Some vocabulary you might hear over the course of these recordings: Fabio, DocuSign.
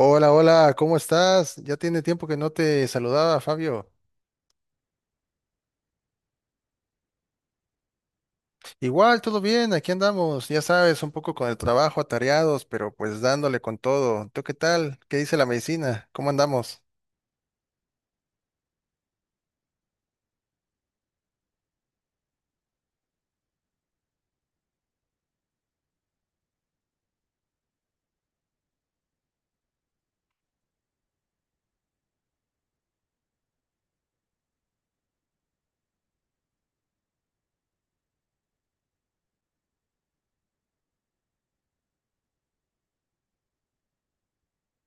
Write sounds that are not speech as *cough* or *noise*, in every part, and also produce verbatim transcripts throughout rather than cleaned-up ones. Hola, hola, ¿cómo estás? Ya tiene tiempo que no te saludaba, Fabio. Igual, todo bien, aquí andamos, ya sabes, un poco con el trabajo, atareados, pero pues dándole con todo. ¿Tú qué tal? ¿Qué dice la medicina? ¿Cómo andamos?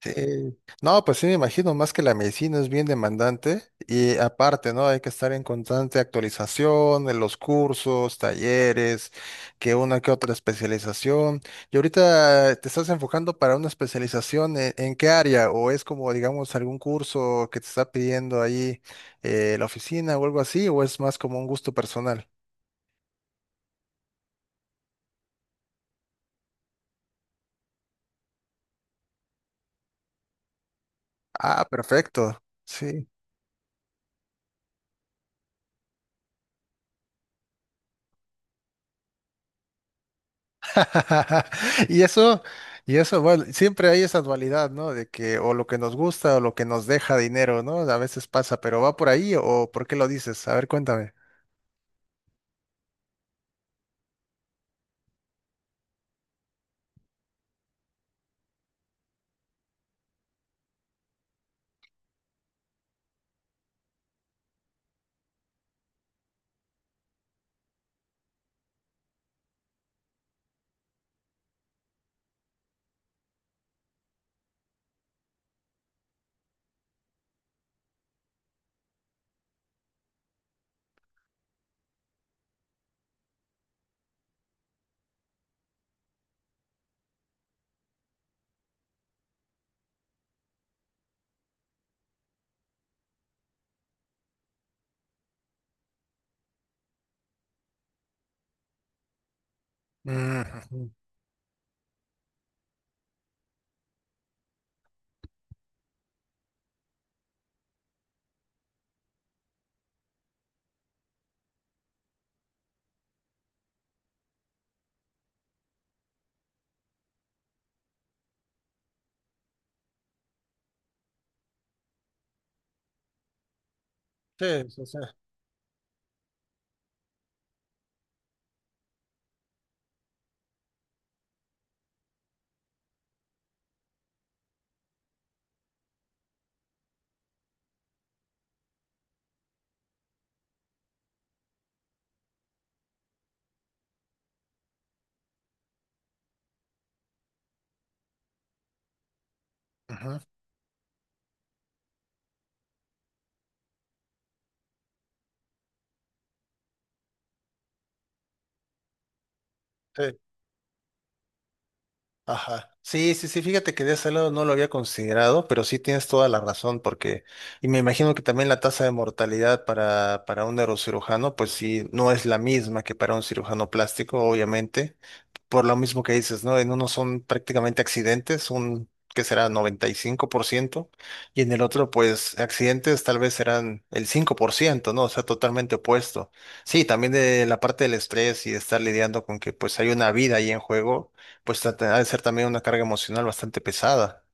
Sí. No, pues sí, me imagino, más que la medicina es bien demandante y aparte, ¿no? Hay que estar en constante actualización en los cursos, talleres, que una que otra especialización. Y ahorita te estás enfocando para una especialización en, en qué área o es como, digamos, algún curso que te está pidiendo ahí eh, la oficina o algo así, o es más como un gusto personal. Ah, perfecto. Sí. *laughs* Y eso, y eso, bueno, siempre hay esa dualidad, ¿no? De que o lo que nos gusta o lo que nos deja dinero, ¿no? A veces pasa, pero ¿va por ahí o por qué lo dices? A ver, cuéntame. Mm, ujú. Sí, sí, sí. Ujú, sí. Ajá. Sí, sí, sí, fíjate que de ese lado no lo había considerado, pero sí tienes toda la razón, porque, y me imagino que también la tasa de mortalidad para, para un neurocirujano, pues sí, no es la misma que para un cirujano plástico, obviamente. Por lo mismo que dices, ¿no? En uno son prácticamente accidentes, un que será noventa y cinco por ciento, y cinco por ciento, y en el otro, pues accidentes tal vez serán el cinco por ciento, ¿no? O sea, totalmente opuesto. Sí, también de la parte del estrés y de estar lidiando con que pues hay una vida ahí en juego, pues trata- ha de ser también una carga emocional bastante pesada.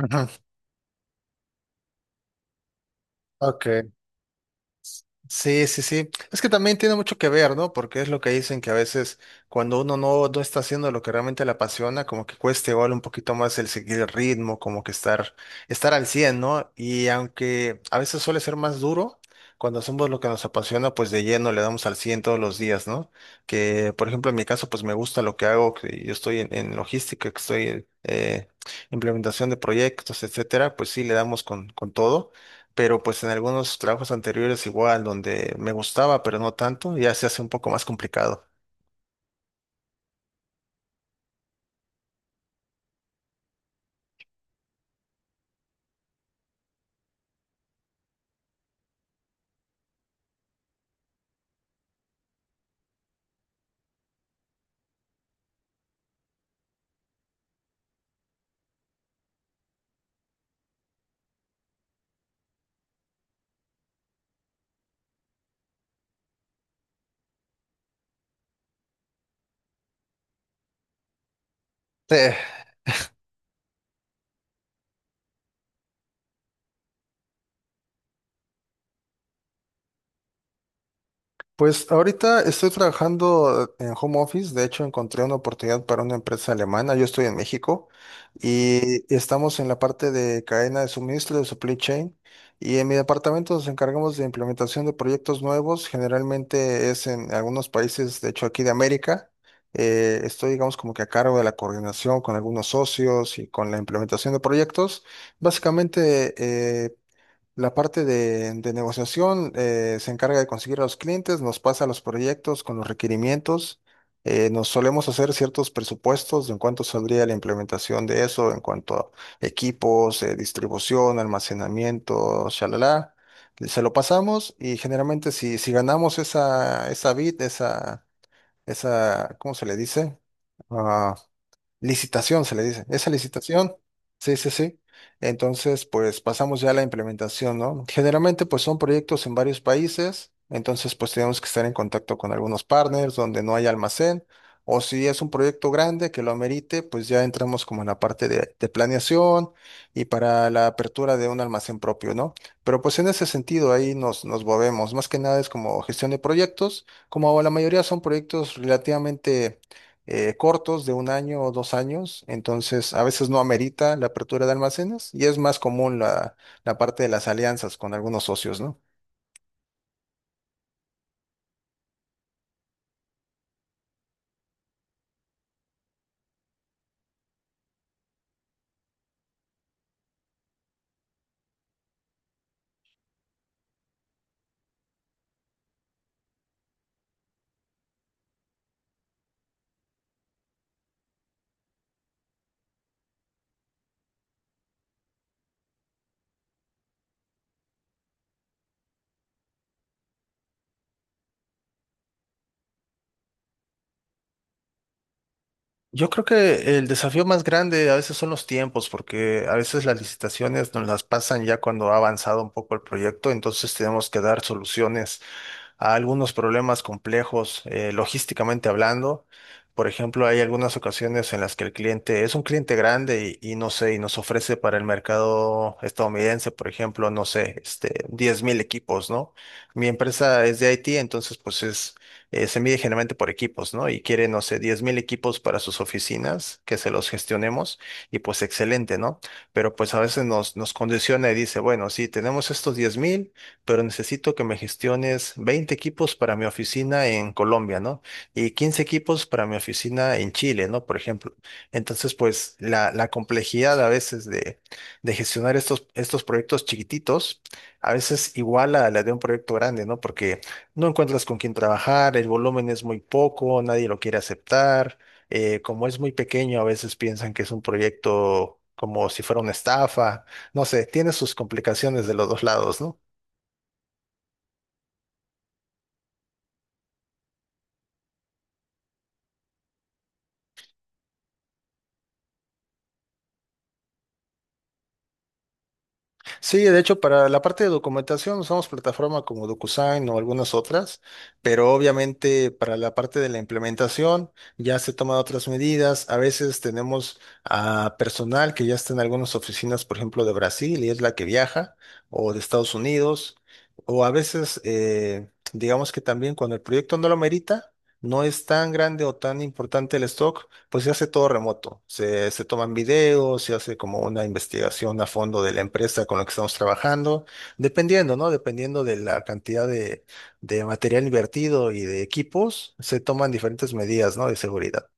Ujú, ok. Sí, sí, sí. Es que también tiene mucho que ver, ¿no? Porque es lo que dicen que a veces cuando uno no, no está haciendo lo que realmente le apasiona, como que cuesta igual un poquito más el seguir el ritmo, como que estar, estar al cien, ¿no? Y aunque a veces suele ser más duro, cuando hacemos lo que nos apasiona, pues de lleno le damos al cien todos los días, ¿no? Que, por ejemplo, en mi caso, pues me gusta lo que hago, que yo estoy en, en logística, que estoy... Eh, implementación de proyectos, etcétera, pues sí, le damos con, con todo, pero pues en algunos trabajos anteriores igual, donde me gustaba, pero no tanto, ya se hace un poco más complicado. *laughs* Pues ahorita estoy trabajando en home office, de hecho encontré una oportunidad para una empresa alemana, yo estoy en México y estamos en la parte de cadena de suministro, de supply chain, y en mi departamento nos encargamos de implementación de proyectos nuevos, generalmente es en algunos países, de hecho aquí de América. Eh, estoy digamos como que a cargo de la coordinación con algunos socios y con la implementación de proyectos. Básicamente eh, la parte de, de negociación eh, se encarga de conseguir a los clientes, nos pasa los proyectos con los requerimientos, eh, nos solemos hacer ciertos presupuestos de en cuánto saldría la implementación de eso, en cuanto a equipos, eh, distribución, almacenamiento, shalala. Se lo pasamos y generalmente si, si ganamos esa, esa bid, esa, esa, ¿cómo se le dice? Ah, licitación se le dice. Esa licitación, sí, sí, sí. Entonces, pues pasamos ya a la implementación, ¿no? Generalmente, pues son proyectos en varios países, entonces, pues tenemos que estar en contacto con algunos partners donde no hay almacén, o si es un proyecto grande que lo amerite, pues ya entramos como en la parte de, de planeación y para la apertura de un almacén propio, ¿no? Pero pues en ese sentido ahí nos, nos movemos. Más que nada es como gestión de proyectos, como la mayoría son proyectos relativamente eh, cortos de un año o dos años, entonces a veces no amerita la apertura de almacenes y es más común la, la parte de las alianzas con algunos socios, ¿no? Yo creo que el desafío más grande a veces son los tiempos, porque a veces las licitaciones nos las pasan ya cuando ha avanzado un poco el proyecto, entonces tenemos que dar soluciones a algunos problemas complejos eh, logísticamente hablando. Por ejemplo, hay algunas ocasiones en las que el cliente es un cliente grande y, y no sé, y nos ofrece para el mercado estadounidense, por ejemplo, no sé, este, diez mil equipos, ¿no? Mi empresa es de I T, entonces pues es, eh, se mide generalmente por equipos, ¿no? Y quiere, no sé, diez mil equipos para sus oficinas, que se los gestionemos, y pues excelente, ¿no? Pero pues a veces nos, nos condiciona y dice, bueno, sí, tenemos estos diez mil, pero necesito que me gestiones veinte equipos para mi oficina en Colombia, ¿no? Y quince equipos para mi oficina en Chile, ¿no? Por ejemplo. Entonces, pues la, la complejidad a veces de, de gestionar estos, estos proyectos chiquititos, a veces igual a la de un proyecto grande, ¿no? Porque no encuentras con quién trabajar, el volumen es muy poco, nadie lo quiere aceptar. Eh, como es muy pequeño, a veces piensan que es un proyecto como si fuera una estafa. No sé, tiene sus complicaciones de los dos lados, ¿no? Sí, de hecho, para la parte de documentación usamos plataformas como DocuSign o algunas otras, pero obviamente para la parte de la implementación ya se toman otras medidas. A veces tenemos a personal que ya está en algunas oficinas, por ejemplo, de Brasil y es la que viaja, o de Estados Unidos, o a veces, eh, digamos que también cuando el proyecto no lo merita, no es tan grande o tan importante el stock. Pues se hace todo remoto, se, se toman videos, se hace como una investigación a fondo de la empresa con la que estamos trabajando, dependiendo, ¿no? Dependiendo de la cantidad de, de material invertido y de equipos, se toman diferentes medidas, ¿no? De seguridad.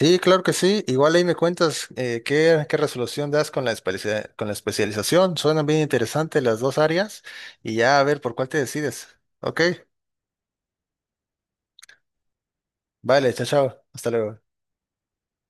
Sí, claro que sí. Igual ahí me cuentas eh, qué, qué resolución das con la especia- con la especialización. Suenan bien interesantes las dos áreas y ya a ver por cuál te decides. Ok, vale, chao, chao. Hasta luego.